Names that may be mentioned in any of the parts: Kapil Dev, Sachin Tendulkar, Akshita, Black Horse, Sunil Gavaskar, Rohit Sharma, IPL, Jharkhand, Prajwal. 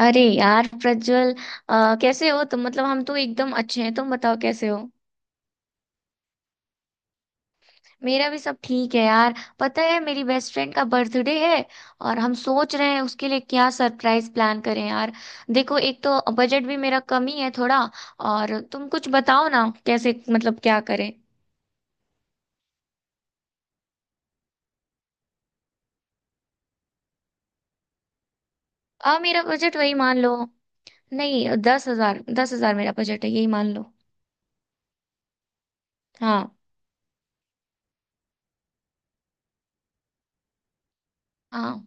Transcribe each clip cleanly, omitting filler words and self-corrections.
अरे यार प्रज्वल। कैसे हो तुम? मतलब हम तो एकदम अच्छे हैं। तुम बताओ कैसे हो। मेरा भी सब ठीक है यार। पता है, मेरी बेस्ट फ्रेंड का बर्थडे है, और हम सोच रहे हैं उसके लिए क्या सरप्राइज प्लान करें यार। देखो, एक तो बजट भी मेरा कम ही है थोड़ा। और तुम कुछ बताओ ना, कैसे मतलब क्या करें। आ मेरा बजट वही मान लो। नहीं, 10,000, 10,000 मेरा बजट है, यही मान लो। हाँ हाँ।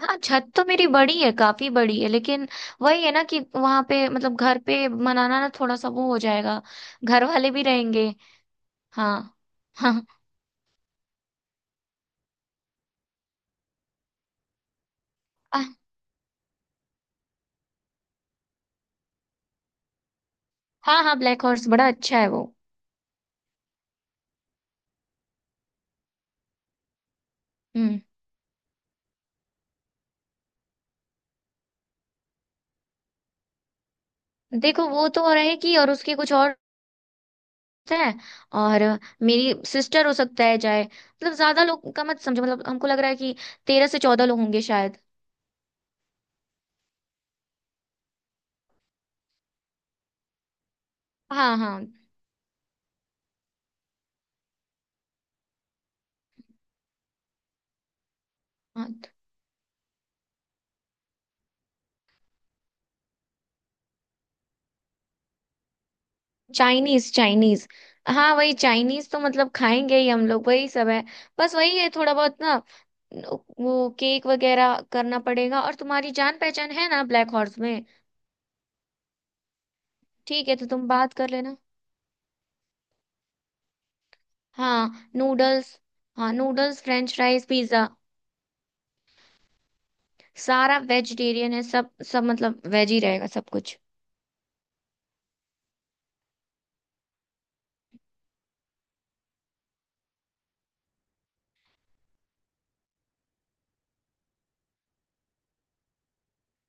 हाँ, छत तो मेरी बड़ी है, काफी बड़ी है, लेकिन वही है ना कि वहां पे मतलब घर पे मनाना ना, थोड़ा सा वो हो जाएगा। घर वाले भी रहेंगे। हाँ। हाँ। आह, हाँ हाँ, ब्लैक हॉर्स बड़ा अच्छा है वो। हम्म देखो, वो तो रहेगी और उसके कुछ और है, और मेरी सिस्टर हो सकता है जाए। मतलब ज्यादा लोग का मत समझो, मतलब हमको लग रहा है कि 13 से 14 लोग होंगे शायद। हाँ, हाँ, हाँ। Chinese, Chinese. हाँ, वही चाइनीज तो मतलब खाएंगे ही हम लोग, वही सब है। बस वही है थोड़ा बहुत ना। वो केक वगैरह करना पड़ेगा, और तुम्हारी जान पहचान है ना ब्लैक हॉर्स में। ठीक है, तो तुम बात कर लेना। हाँ, नूडल्स। हाँ, नूडल्स, फ्रेंच फ्राइज, पिज्जा। सारा वेजिटेरियन है, सब सब मतलब वेज ही रहेगा सब कुछ।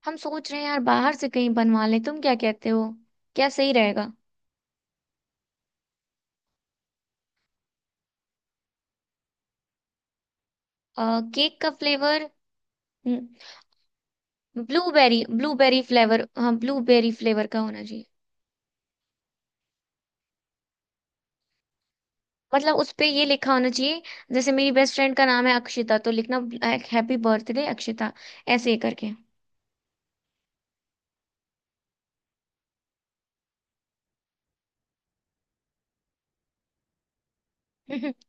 हम सोच रहे हैं यार, बाहर से कहीं बनवा लें। तुम क्या कहते हो, क्या सही रहेगा? अ, केक का फ्लेवर। हम्म, ब्लूबेरी, ब्लूबेरी फ्लेवर। हाँ, ब्लूबेरी फ्लेवर का होना चाहिए। मतलब उस पे ये लिखा होना चाहिए। जैसे मेरी बेस्ट फ्रेंड का नाम है अक्षिता, तो लिखना हैप्पी बर्थडे अक्षिता, ऐसे ही करके।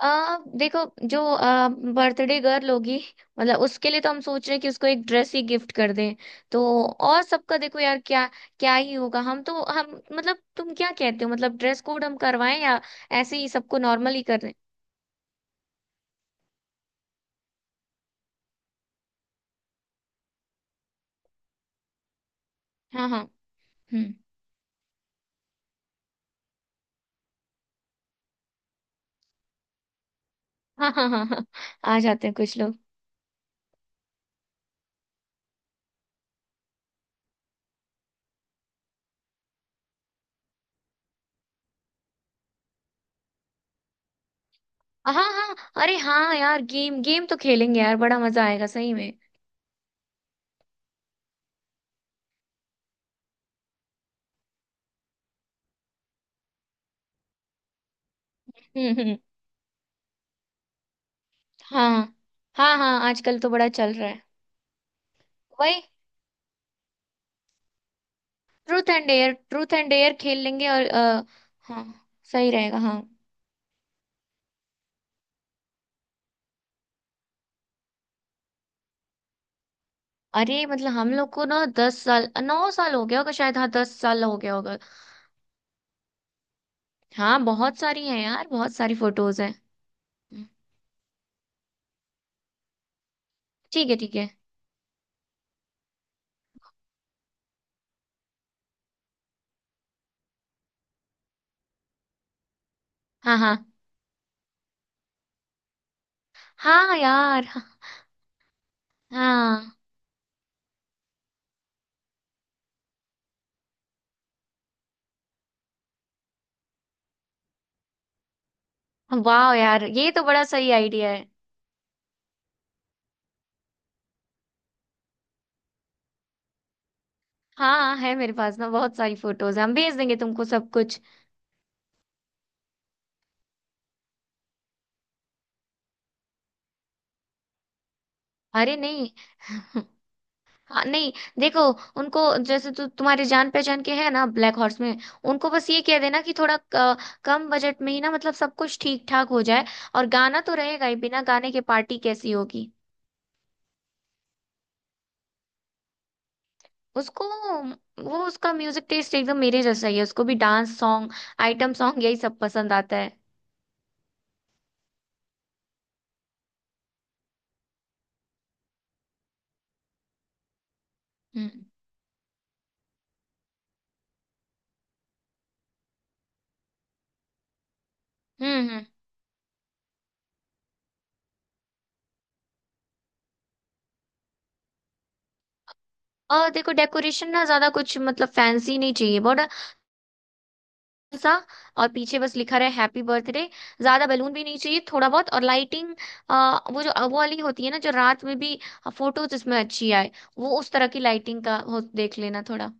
देखो, जो बर्थडे गर्ल होगी, मतलब उसके लिए तो हम सोच रहे हैं कि उसको एक ड्रेस ही गिफ्ट कर दें तो। और सबका देखो यार, क्या क्या ही होगा। हम मतलब, तुम क्या कहते हो, मतलब ड्रेस कोड हम करवाएं या ऐसे ही सबको नॉर्मल ही कर दें? हाँ हाँ। हम्म। हाँ, हाँ, हाँ, हाँ, आ जाते हैं कुछ लोग। हाँ हाँ। अरे हाँ यार, गेम गेम तो खेलेंगे यार, बड़ा मजा आएगा सही में। हम्म, हम्म। हाँ। हाँ हाँ, आजकल तो बड़ा चल रहा है। वही truth and dare, truth and dare खेल लेंगे, और। हाँ, सही रहेगा, हाँ। अरे मतलब हम लोग को ना, 10 साल, 9 साल हो गया होगा शायद। हाँ, 10 साल हो गया होगा। हाँ, बहुत सारी हैं यार, बहुत सारी फोटोज हैं। हम्म। ठीक है, ठीक है। हाँ, हाँ। हाँ यार। हाँ। वाह यार, ये तो बड़ा सही आइडिया है। हाँ, है मेरे पास ना बहुत सारी फोटोज, हम भेज देंगे तुमको सब कुछ। अरे नहीं। हाँ नहीं। देखो उनको, जैसे तुम्हारे जान पहचान के है ना ब्लैक हॉर्स में। उनको बस ये कह देना कि थोड़ा कम बजट में ही ना, मतलब सब कुछ ठीक ठाक हो जाए। और गाना तो रहेगा ही, बिना गाने के पार्टी कैसी होगी? उसको वो उसका म्यूजिक टेस्ट एकदम मेरे जैसा ही है, उसको भी डांस सॉन्ग, आइटम सॉन्ग, यही सब पसंद आता है। हम्म, हम्म, और देखो डेकोरेशन ना, ज्यादा कुछ मतलब फैंसी नहीं चाहिए बहुत सा। और पीछे बस लिखा रहे हैप्पी बर्थडे। ज्यादा बैलून भी नहीं चाहिए, थोड़ा बहुत। और लाइटिंग, वो जो वो वाली होती है ना जो रात में भी फोटोज इसमें अच्छी आए, वो उस तरह की लाइटिंग का हो, देख लेना थोड़ा।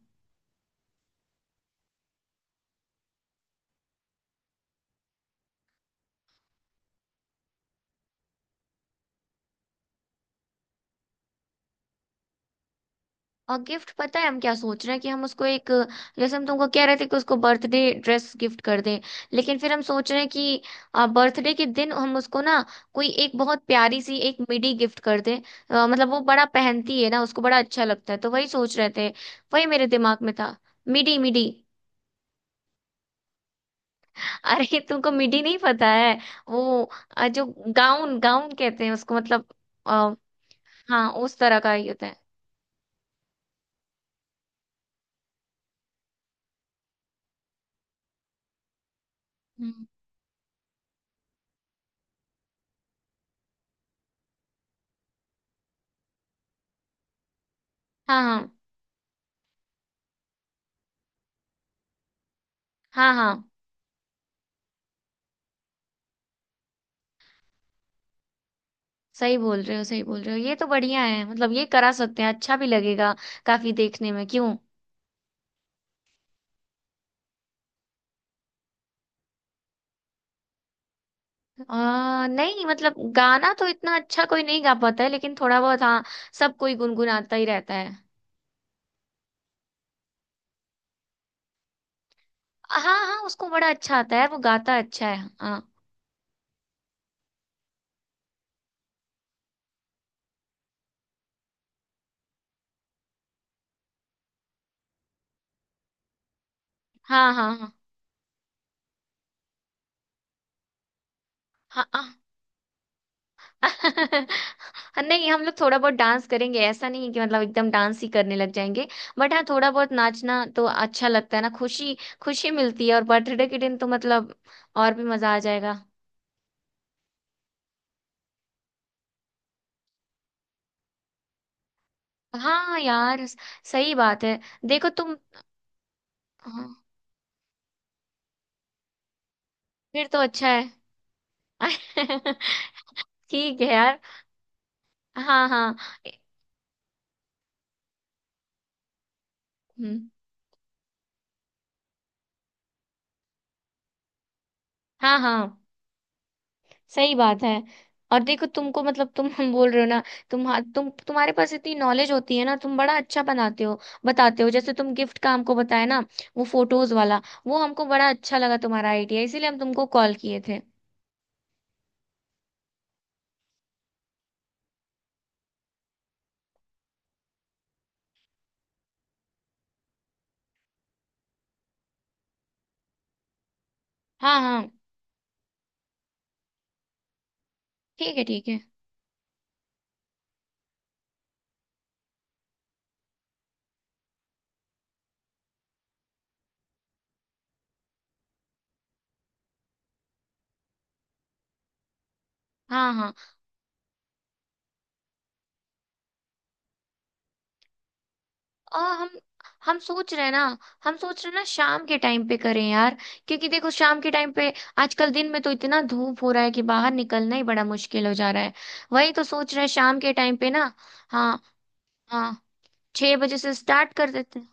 और गिफ्ट, पता है हम क्या सोच रहे हैं कि हम उसको एक, जैसे हम तुमको कह रहे थे कि उसको बर्थडे ड्रेस गिफ्ट कर दें, लेकिन फिर हम सोच रहे हैं कि बर्थडे के दिन हम उसको ना कोई एक बहुत प्यारी सी एक मिडी गिफ्ट कर दें। मतलब वो बड़ा पहनती है ना, उसको बड़ा अच्छा लगता है, तो वही सोच रहे थे। वही मेरे दिमाग में था। मिडी, मिडी। अरे तुमको मिडी नहीं पता है? वो जो गाउन, गाउन कहते हैं उसको, मतलब। आ, हाँ, उस तरह का ही होता है। हम्म। हाँ, हाँ, हाँ, हाँ। सही बोल रहे हो, सही बोल रहे हो, ये तो बढ़िया है, मतलब ये करा सकते हैं, अच्छा भी लगेगा। काफी देखने में, क्यों। नहीं, मतलब गाना तो इतना अच्छा कोई नहीं गा पाता है, लेकिन थोड़ा बहुत, हाँ। सब कोई गुनगुनाता ही रहता है। हाँ हाँ, उसको बड़ा अच्छा आता है, वो गाता अच्छा है, हाँ। हाँ, हाँ, हाँ, हाँ, हाँ, नहीं, हम लोग थोड़ा बहुत डांस करेंगे, ऐसा नहीं है कि मतलब एकदम डांस ही करने लग जाएंगे। बट हाँ, थोड़ा बहुत नाचना तो अच्छा लगता है ना, खुशी खुशी मिलती है, और बर्थडे के दिन तो मतलब और भी मजा आ जाएगा। हाँ यार, सही बात है। देखो तुम। हाँ। फिर तो अच्छा है। ठीक है यार। हाँ, हाँ। हम्म। हाँ हाँ, सही बात है। और देखो तुमको, मतलब तुम, हम बोल रहे हो ना, तुम तुम्हारे पास इतनी नॉलेज होती है ना, तुम बड़ा अच्छा बनाते हो, बताते हो। जैसे तुम गिफ्ट का हमको बताया ना, वो फोटोज वाला, वो हमको बड़ा अच्छा लगा तुम्हारा आइडिया, इसीलिए हम तुमको कॉल किए थे। हाँ हाँ, ठीक है, ठीक है। हाँ हाँ। और हम सोच रहे हैं ना, हम सोच रहे हैं ना शाम के टाइम पे करें यार। क्योंकि देखो, शाम के टाइम पे आजकल दिन में तो इतना धूप हो रहा है कि बाहर निकलना ही बड़ा मुश्किल हो जा रहा है। वही तो सोच रहे हैं शाम के टाइम पे ना। हाँ। हाँ, 6 बजे से स्टार्ट कर देते हैं।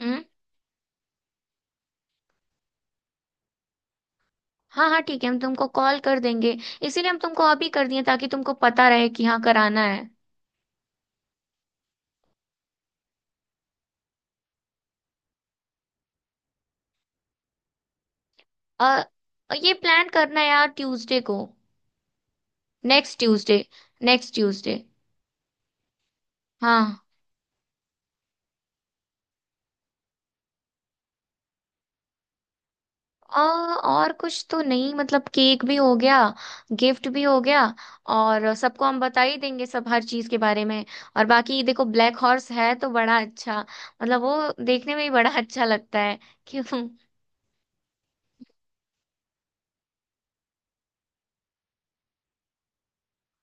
हम्म हाँ, हाँ ठीक है, हम तुमको कॉल कर देंगे। इसीलिए हम तुमको अभी कर दिए, ताकि तुमको पता रहे कि हाँ कराना है। और और ये प्लान करना है यार ट्यूसडे को। Next Tuesday, next Tuesday. हाँ। आ, और कुछ तो नहीं, मतलब केक भी हो गया, गिफ्ट भी हो गया। और सबको हम बता ही देंगे सब, हर चीज के बारे में। और बाकी देखो, ब्लैक हॉर्स है तो बड़ा अच्छा, मतलब वो देखने में ही बड़ा अच्छा लगता है। क्यों।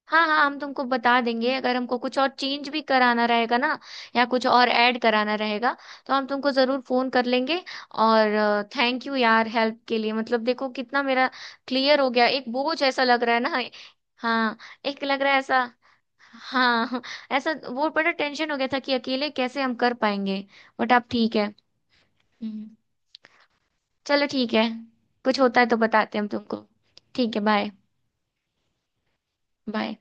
हाँ हाँ, हम तुमको बता देंगे अगर हमको कुछ और चेंज भी कराना रहेगा ना, या कुछ और ऐड कराना रहेगा, तो हम तुमको जरूर फोन कर लेंगे। और थैंक यू यार, हेल्प के लिए। मतलब देखो कितना मेरा क्लियर हो गया, एक बोझ ऐसा लग रहा है ना। हाँ, एक लग रहा है ऐसा। हाँ। ऐसा वो बड़ा टेंशन हो गया था कि अकेले कैसे हम कर पाएंगे। बट आप ठीक है। हम्म, चलो ठीक है। कुछ होता है तो बताते हैं हम तुमको। ठीक है, बाय बाय।